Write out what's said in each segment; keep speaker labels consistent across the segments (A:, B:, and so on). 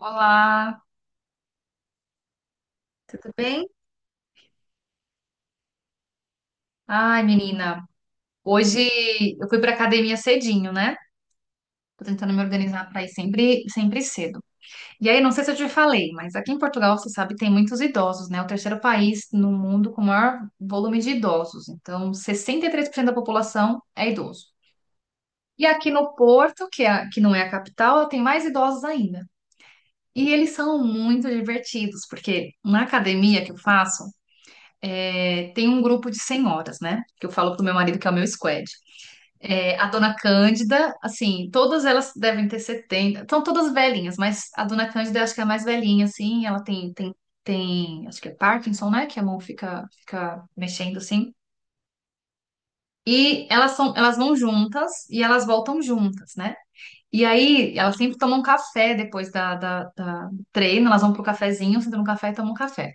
A: Olá, tudo bem? Ai, menina, hoje eu fui pra academia cedinho, né? Tô tentando me organizar pra ir sempre cedo. E aí, não sei se eu te falei, mas aqui em Portugal, você sabe, tem muitos idosos, né? O terceiro país no mundo com o maior volume de idosos. Então, 63% da população é idoso. E aqui no Porto, que, que não é a capital, tem mais idosos ainda. E eles são muito divertidos, porque na academia que eu faço, tem um grupo de senhoras, né? Que eu falo pro meu marido que é o meu squad. É, a dona Cândida, assim, todas elas devem ter 70, são todas velhinhas, mas a dona Cândida eu acho que é a mais velhinha, assim, ela tem, acho que é Parkinson, né? Que a mão fica mexendo, assim. E elas são, elas vão juntas e elas voltam juntas, né? E aí, elas sempre tomam café depois da do treino, elas vão pro cafezinho, sentam no café e tomam café.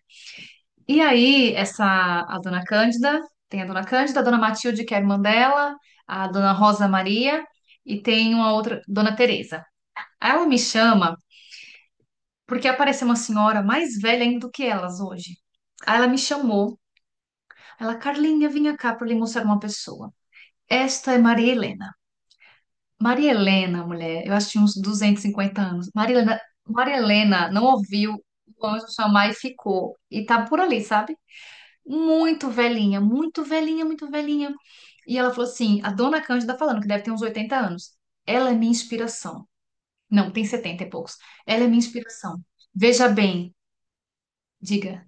A: E aí, a dona Cândida, tem a dona Cândida, a dona Matilde, que é a irmã dela, a dona Rosa Maria e tem uma outra, dona Teresa. Aí ela me chama porque apareceu uma senhora mais velha ainda do que elas hoje. Aí ela me chamou, ela, Carlinha, vinha cá para lhe mostrar uma pessoa. Esta é Maria Helena. Maria Helena, mulher, eu acho que tinha uns 250 anos. Maria Helena não ouviu o anjo chamar e ficou. E tá por ali, sabe? Muito velhinha, muito velhinha, muito velhinha. E ela falou assim: a dona Cândida tá falando, que deve ter uns 80 anos, ela é minha inspiração. Não, tem 70 e poucos. Ela é minha inspiração. Veja bem, diga.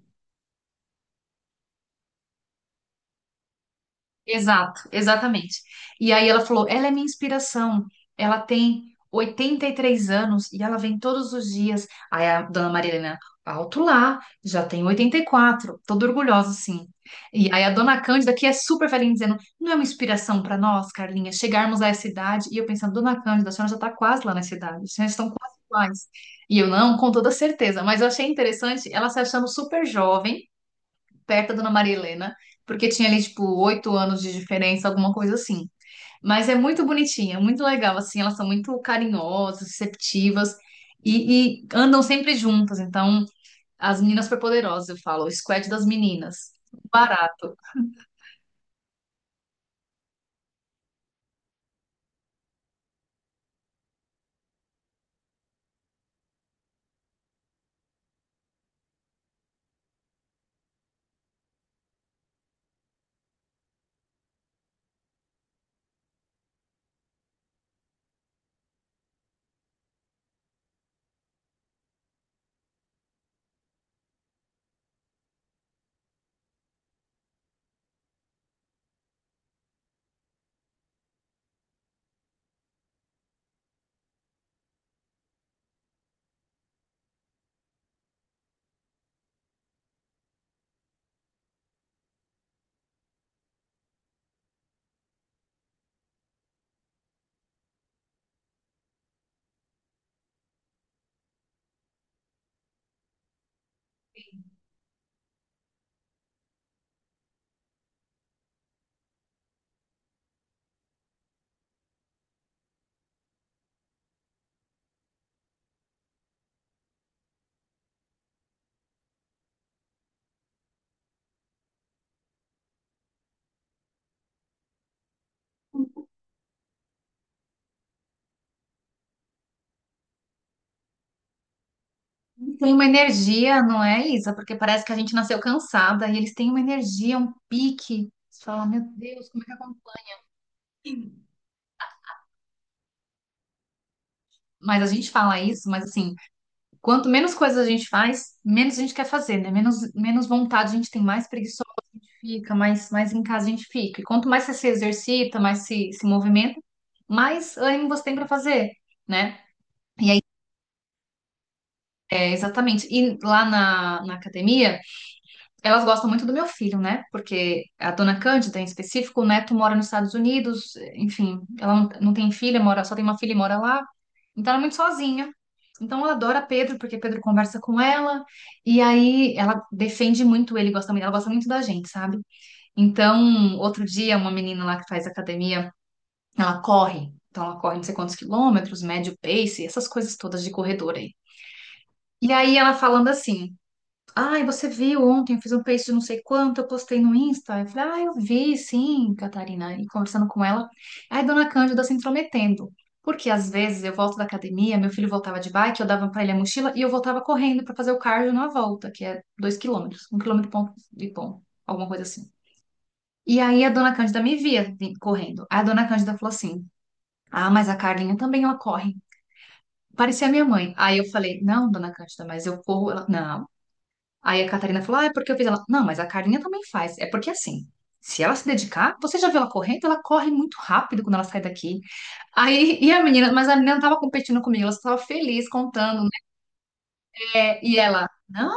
A: Exato, exatamente. E aí ela falou: ela é minha inspiração. Ela tem 83 anos e ela vem todos os dias. Aí a dona Marilena, alto lá, já tem 84. Toda orgulhosa assim. E aí a dona Cândida, que é super velhinha, dizendo: não é uma inspiração para nós, Carlinha, chegarmos a essa idade? E eu pensando: dona Cândida, a senhora já está quase lá nessa idade, vocês já estão quase iguais. E eu não, com toda certeza, mas eu achei interessante ela se achando super jovem perto da Dona Maria Helena, porque tinha ali, tipo, 8 anos de diferença, alguma coisa assim. Mas é muito bonitinha, é muito legal, assim, elas são muito carinhosas, receptivas e andam sempre juntas. Então, as meninas superpoderosas, eu falo, o squad das meninas. Barato. Tem uma energia, não é, Isa? Porque parece que a gente nasceu cansada e eles têm uma energia, um pique. Você fala, meu Deus, como é que acontece? Mas a gente fala isso, mas assim, quanto menos coisas a gente faz, menos a gente quer fazer, né? Menos vontade a gente tem, mais preguiçoso a gente fica, mais em casa a gente fica. E quanto mais você se exercita, mais se movimenta, mais ânimo você tem para fazer, né? E aí, é, exatamente. E lá na academia, elas gostam muito do meu filho, né? Porque a dona Cândida, em específico, o neto mora nos Estados Unidos, enfim, ela não tem filha, mora, só tem uma filha e mora lá. Então ela é muito sozinha. Então ela adora Pedro, porque Pedro conversa com ela, e aí ela defende muito ele, gosta muito, ela gosta muito da gente, sabe? Então, outro dia, uma menina lá que faz academia, ela corre. Então ela corre não sei quantos quilômetros, médio pace, essas coisas todas de corredor aí. E aí ela falando assim. Ai, você viu ontem, eu fiz um peixe de não sei quanto, eu postei no Insta. Eu falei, ah, eu vi, sim, Catarina. E conversando com ela, aí dona Cândida se intrometendo. Porque às vezes eu volto da academia, meu filho voltava de bike, eu dava pra ele a mochila e eu voltava correndo pra fazer o cardio na volta, que é 2 quilômetros, um quilômetro e ponto, alguma coisa assim. E aí a dona Cândida me via correndo. Aí a dona Cândida falou assim: Ah, mas a Carlinha também ela corre. Parecia a minha mãe. Aí eu falei: Não, dona Cândida, mas eu corro. Ela, não. Aí a Catarina falou: Ah, é porque eu fiz ela. Não, mas a Carinha também faz. É porque assim, se ela se dedicar, você já viu ela correndo? Ela corre muito rápido quando ela sai daqui. Aí, e a menina, mas a menina não estava competindo comigo, ela estava feliz contando, né? E ela, não.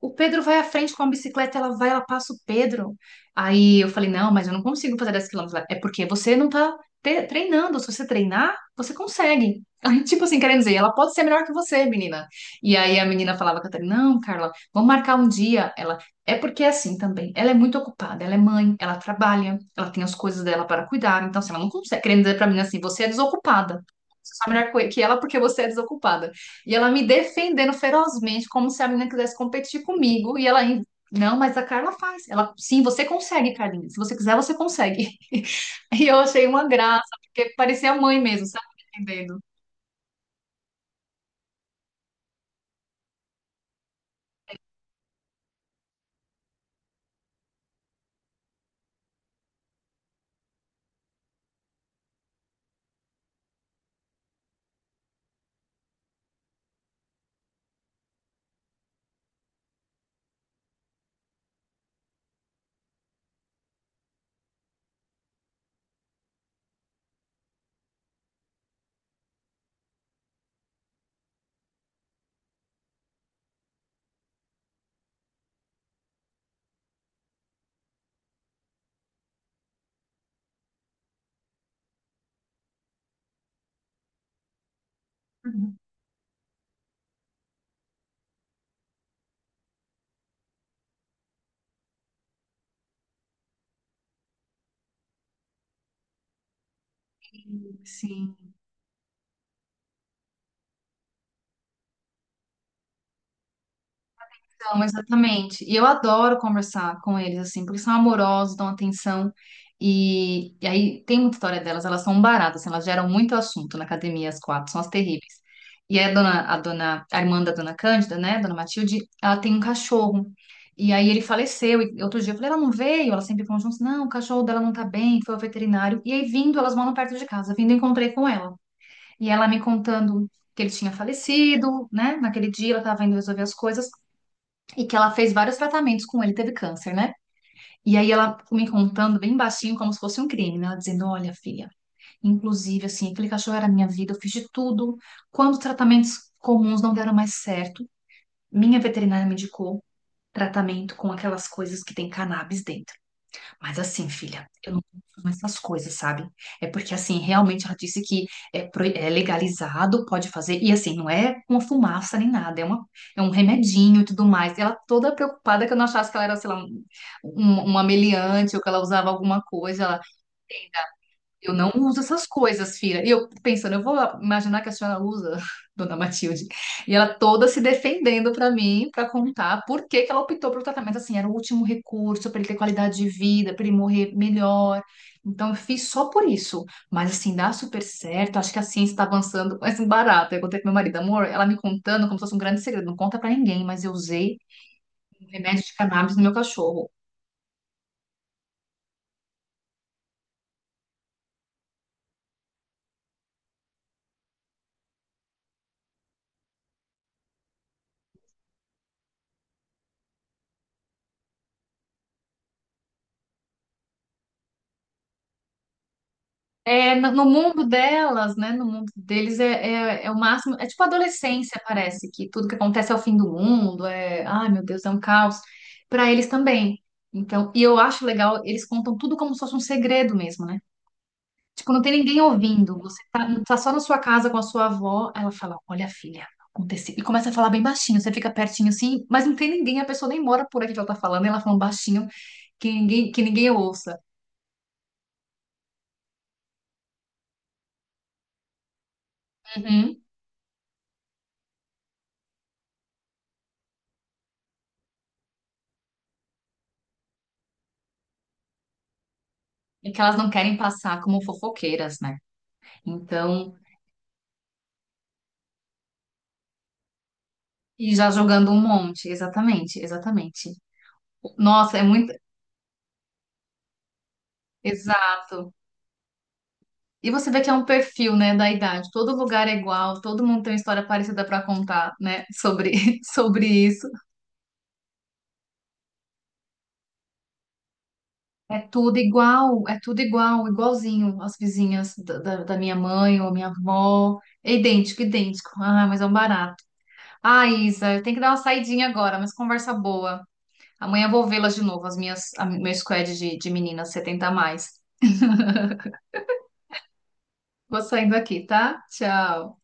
A: O Pedro vai à frente com a bicicleta, ela vai, ela passa o Pedro. Aí eu falei, não, mas eu não consigo fazer 10 quilômetros. Ela, é porque você não tá treinando. Se você treinar, você consegue. Tipo assim, querendo dizer, ela pode ser melhor que você, menina. E aí a menina falava, Catarina, não, Carla, vamos marcar um dia. Ela, é porque é assim também. Ela é muito ocupada, ela é mãe, ela trabalha, ela tem as coisas dela para cuidar. Então, assim, ela não consegue. Querendo dizer pra mim assim, você é desocupada. Você é melhor que ela porque você é desocupada. E ela me defendendo ferozmente, como se a menina quisesse competir comigo. E ela ainda, não, mas a Carla faz. Ela, sim, você consegue, Carlinha. Se você quiser, você consegue. E eu achei uma graça, porque parecia a mãe mesmo, sabe? Entendendo. Uhum. Sim. Então, exatamente. E eu adoro conversar com eles, assim, porque são amorosos, dão atenção. E aí tem muita história delas, elas são baratas, assim, elas geram muito assunto na academia, as quatro, são as terríveis. E aí a irmã da dona Cândida, né, dona Matilde, ela tem um cachorro. E aí ele faleceu. E outro dia eu falei, ela não veio? Elas sempre falam juntos, não, o cachorro dela não tá bem, foi ao veterinário. E aí vindo, elas moram perto de casa, vindo eu encontrei com ela. E ela me contando que ele tinha falecido, né, naquele dia ela tava indo resolver as coisas. E que ela fez vários tratamentos com ele, teve câncer, né? E aí ela me contando bem baixinho, como se fosse um crime, né? Ela dizendo: Olha, filha, inclusive, assim, aquele cachorro era minha vida, eu fiz de tudo. Quando os tratamentos comuns não deram mais certo, minha veterinária me indicou tratamento com aquelas coisas que tem cannabis dentro. Mas assim, filha, eu não consumo essas coisas, sabe? É porque, assim, realmente ela disse que é, é legalizado, pode fazer. E, assim, não é uma fumaça nem nada, é um remedinho e tudo mais. E ela toda preocupada que eu não achasse que ela era, sei lá, uma meliante ou que ela usava alguma coisa. Eu não uso essas coisas, filha. E eu pensando, eu vou imaginar que a senhora usa, dona Matilde. E ela toda se defendendo para mim, para contar por que que ela optou pelo tratamento. Assim, era o último recurso para ele ter qualidade de vida, para ele morrer melhor. Então, eu fiz só por isso. Mas, assim, dá super certo. Acho que a ciência está avançando. Mas, assim, barato. Eu contei pro meu marido, amor, ela me contando como se fosse um grande segredo. Não conta para ninguém, mas eu usei um remédio de cannabis no meu cachorro. É, no mundo delas, né? No mundo deles é o máximo. É tipo adolescência, parece, que tudo que acontece é o fim do mundo, é, ai meu Deus, é um caos. Para eles também. Então, e eu acho legal, eles contam tudo como se fosse um segredo mesmo, né? Tipo, não tem ninguém ouvindo. Você tá só na sua casa com a sua avó, ela fala: Olha, filha, aconteceu. E começa a falar bem baixinho, você fica pertinho assim, mas não tem ninguém, a pessoa nem mora por aqui que ela tá falando, e ela falando baixinho, que ninguém ouça. Uhum. E que elas não querem passar como fofoqueiras, né? Então, e já jogando um monte, exatamente, exatamente. Nossa, é muito. Exato. E você vê que é um perfil, né, da idade. Todo lugar é igual, todo mundo tem uma história parecida para contar, né, sobre, sobre isso. É tudo igual, igualzinho as vizinhas da minha mãe ou minha avó. É idêntico, idêntico. Ah, mas é um barato. Ah, Isa, eu tenho que dar uma saidinha agora, mas conversa boa. Amanhã eu vou vê-las de novo, meu squad de meninas 70 a mais. Vou saindo aqui, tá? Tchau.